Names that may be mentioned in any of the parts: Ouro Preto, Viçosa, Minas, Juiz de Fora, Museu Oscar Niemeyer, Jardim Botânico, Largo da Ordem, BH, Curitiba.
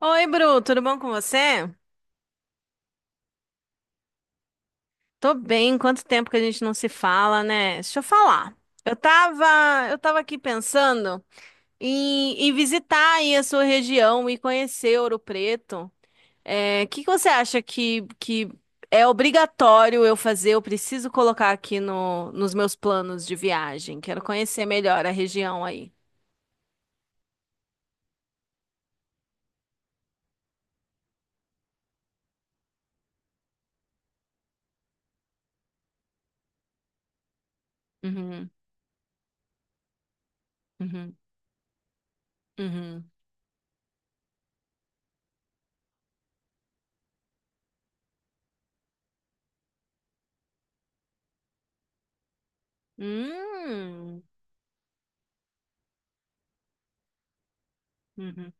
Oi, Bru, tudo bom com você? Tô bem, quanto tempo que a gente não se fala, né? Deixa eu falar. Eu tava aqui pensando em visitar aí a sua região e conhecer Ouro Preto. É, o que que você acha que é obrigatório eu fazer? Eu preciso colocar aqui no, nos meus planos de viagem. Quero conhecer melhor a região aí. Uhum, uhum, uhum. Hum, uhum.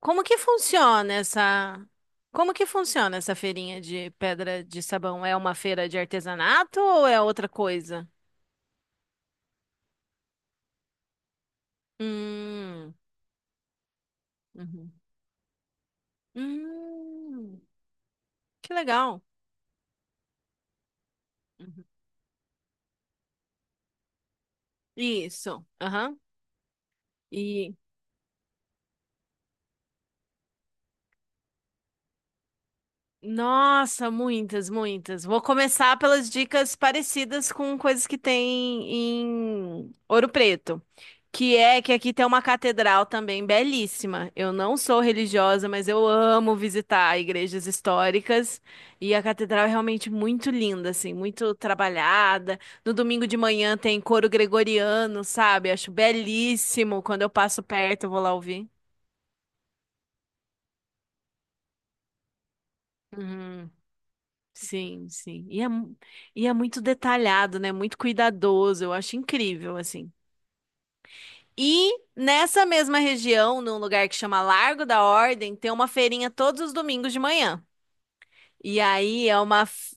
Como que funciona essa? Como que funciona essa feirinha de pedra de sabão? É uma feira de artesanato ou é outra coisa? Hum, uhum. Hum, que legal. Uhum. Isso. Aham. Nossa, muitas, muitas. Vou começar pelas dicas parecidas com coisas que tem em Ouro Preto, que é que aqui tem uma catedral também belíssima. Eu não sou religiosa, mas eu amo visitar igrejas históricas e a catedral é realmente muito linda, assim, muito trabalhada. No domingo de manhã tem coro gregoriano, sabe? Acho belíssimo. Quando eu passo perto, eu vou lá ouvir. Uhum. Sim, sim. E é muito detalhado, né? Muito cuidadoso. Eu acho incrível, assim. E nessa mesma região, num lugar que chama Largo da Ordem, tem uma feirinha todos os domingos de manhã. E aí é uma, f-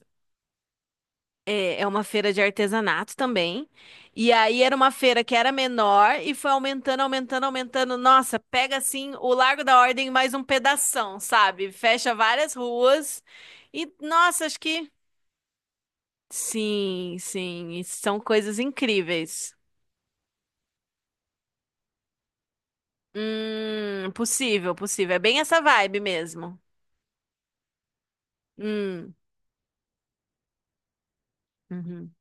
É uma feira de artesanato também. E aí era uma feira que era menor e foi aumentando, aumentando, aumentando. Nossa, pega assim o Largo da Ordem mais um pedação, sabe? Fecha várias ruas. E nossa, acho que sim, sim, e são coisas incríveis. Possível, possível. É bem essa vibe mesmo. Hum, uhum.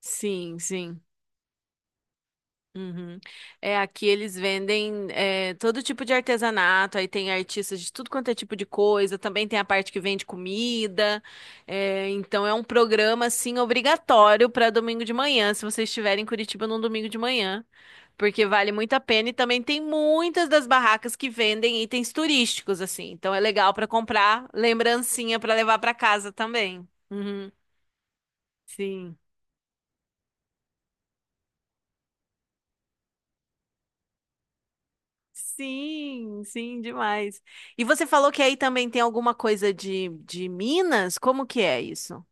Sim, sim. Uhum. É, aqui eles vendem todo tipo de artesanato, aí tem artistas de tudo quanto é tipo de coisa, também tem a parte que vende comida. É, então é um programa assim obrigatório para domingo de manhã, se vocês estiverem em Curitiba num domingo de manhã. Porque vale muito a pena e também tem muitas das barracas que vendem itens turísticos, assim. Então é legal para comprar lembrancinha para levar para casa também. Uhum, sim. Sim, sim, demais. E você falou que aí também tem alguma coisa de Minas? Como que é isso?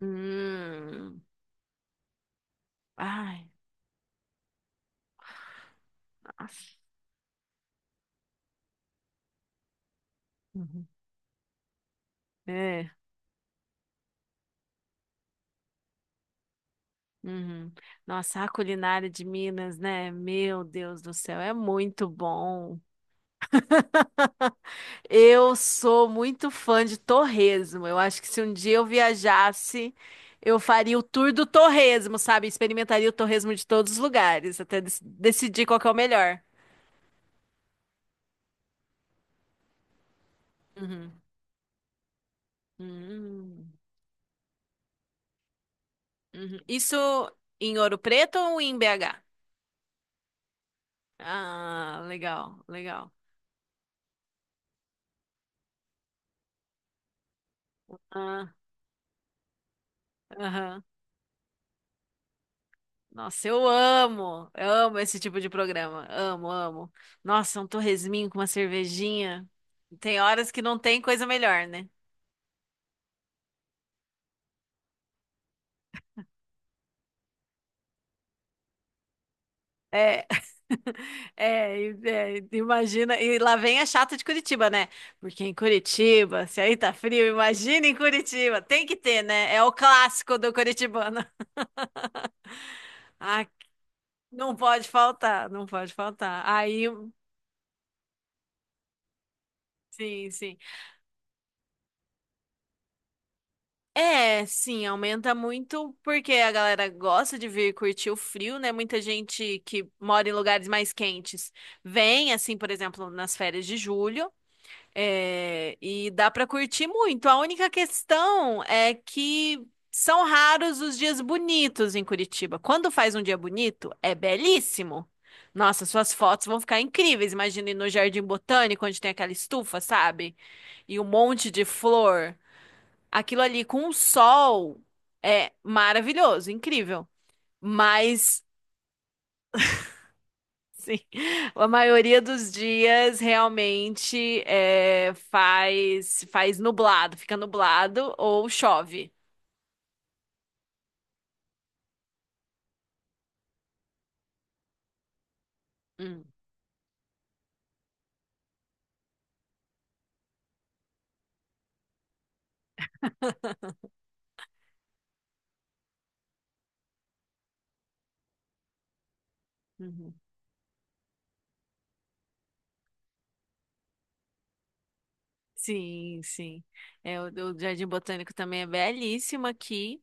Hum. Ai, nossa. Uhum. É. Uhum. Nossa, a culinária de Minas, né? Meu Deus do céu, é muito bom. Eu sou muito fã de torresmo. Eu acho que se um dia eu viajasse, eu faria o tour do torresmo, sabe? Experimentaria o torresmo de todos os lugares, até decidir qual que é o melhor. Uhum. Hum, uhum. Isso em Ouro Preto ou em BH? Ah, legal, legal. Ah, aham. Nossa, eu amo esse tipo de programa. Amo, amo. Nossa, um torresminho com uma cervejinha. Tem horas que não tem coisa melhor, né? É, é, é, imagina, e lá vem a chata de Curitiba, né? Porque em Curitiba, se aí tá frio, imagina em Curitiba, tem que ter, né? É o clássico do curitibano. Ah, não pode faltar, não pode faltar. Aí, sim, sim. É, sim, aumenta muito porque a galera gosta de vir curtir o frio, né? Muita gente que mora em lugares mais quentes vem, assim, por exemplo, nas férias de julho. É, e dá para curtir muito. A única questão é que são raros os dias bonitos em Curitiba. Quando faz um dia bonito, é belíssimo. Nossa, suas fotos vão ficar incríveis. Imagina ir no Jardim Botânico, onde tem aquela estufa, sabe? E um monte de flor. Aquilo ali com o sol é maravilhoso, incrível. Mas sim, a maioria dos dias realmente é, faz nublado, fica nublado ou chove. Hum, uhum. Sim, sim. É, o Jardim Botânico também é belíssimo aqui.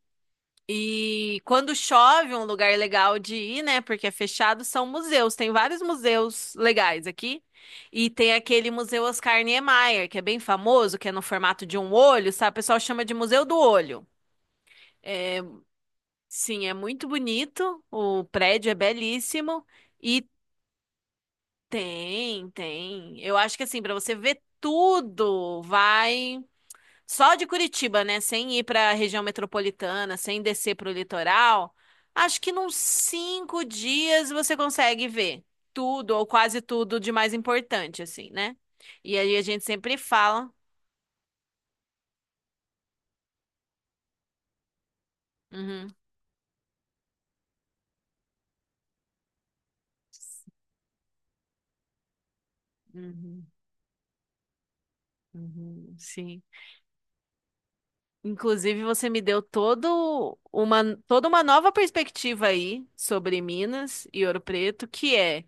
E quando chove, um lugar legal de ir, né? Porque é fechado, são museus. Tem vários museus legais aqui. E tem aquele Museu Oscar Niemeyer, que é bem famoso, que é no formato de um olho, sabe? O pessoal chama de Museu do Olho. Sim, é muito bonito, o prédio é belíssimo e tem, tem. Eu acho que assim, para você ver tudo, vai só de Curitiba, né? Sem ir para a região metropolitana, sem descer para o litoral. Acho que nos 5 dias você consegue ver tudo ou quase tudo de mais importante, assim, né? E aí a gente sempre fala. Uhum, uhum, uhum, sim. Inclusive, você me deu toda uma nova perspectiva aí sobre Minas e Ouro Preto, que é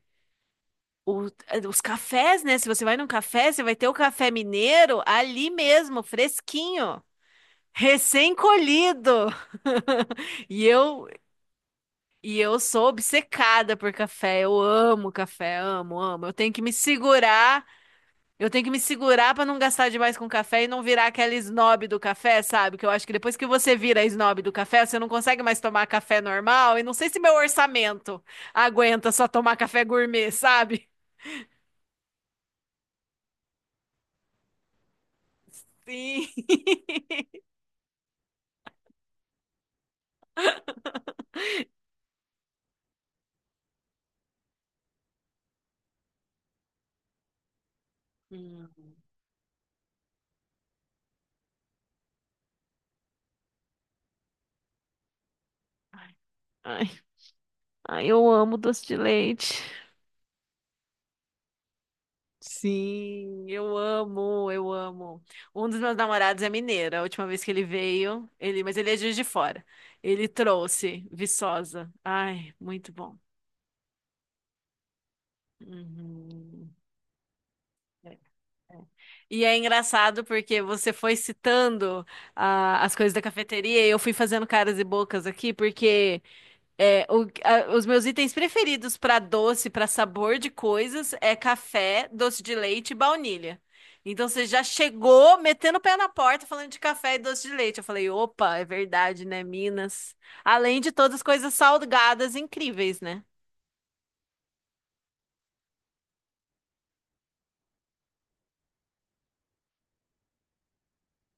os cafés, né? Se você vai num café, você vai ter o café mineiro ali mesmo, fresquinho, recém-colhido. E eu, e eu sou obcecada por café. Eu amo café, amo, amo. Eu tenho que me segurar. Eu tenho que me segurar pra não gastar demais com café e não virar aquela snob do café, sabe? Que eu acho que depois que você vira snob do café, você não consegue mais tomar café normal. E não sei se meu orçamento aguenta só tomar café gourmet, sabe? Sim. Hum. Ai, ai, eu amo doce de leite. Sim, eu amo, eu amo. Um dos meus namorados é mineiro. A última vez que ele veio, ele, mas ele é de Juiz de Fora. Ele trouxe Viçosa. Ai, muito bom. Uhum. E é engraçado porque você foi citando ah, as coisas da cafeteria e eu fui fazendo caras e bocas aqui, porque é, os meus itens preferidos para doce, para sabor de coisas, é café, doce de leite e baunilha. Então você já chegou metendo o pé na porta falando de café e doce de leite. Eu falei, opa, é verdade, né, Minas? Além de todas as coisas salgadas incríveis, né?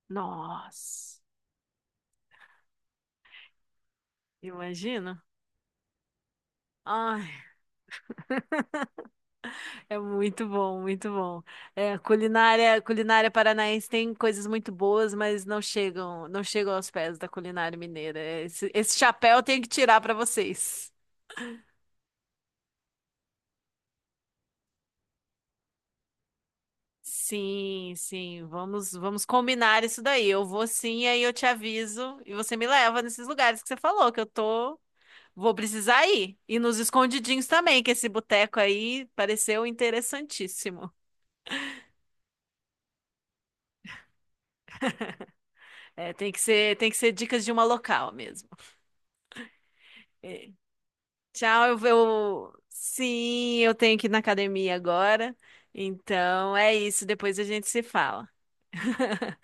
Nossa, imagina. Ai. É muito bom, muito bom. É, culinária, culinária paranaense tem coisas muito boas, mas não chegam, não chegam aos pés da culinária mineira. Esse chapéu eu tenho que tirar para vocês. Sim, sim, vamos, vamos combinar isso daí. Eu vou sim, aí eu te aviso e você me leva nesses lugares que você falou que vou precisar ir. E nos escondidinhos também, que esse boteco aí pareceu interessantíssimo. É, tem que ser dicas de uma local mesmo. É, tchau, eu vou. Sim, eu tenho que ir na academia agora. Então é isso, depois a gente se fala.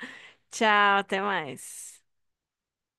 Tchau, até mais.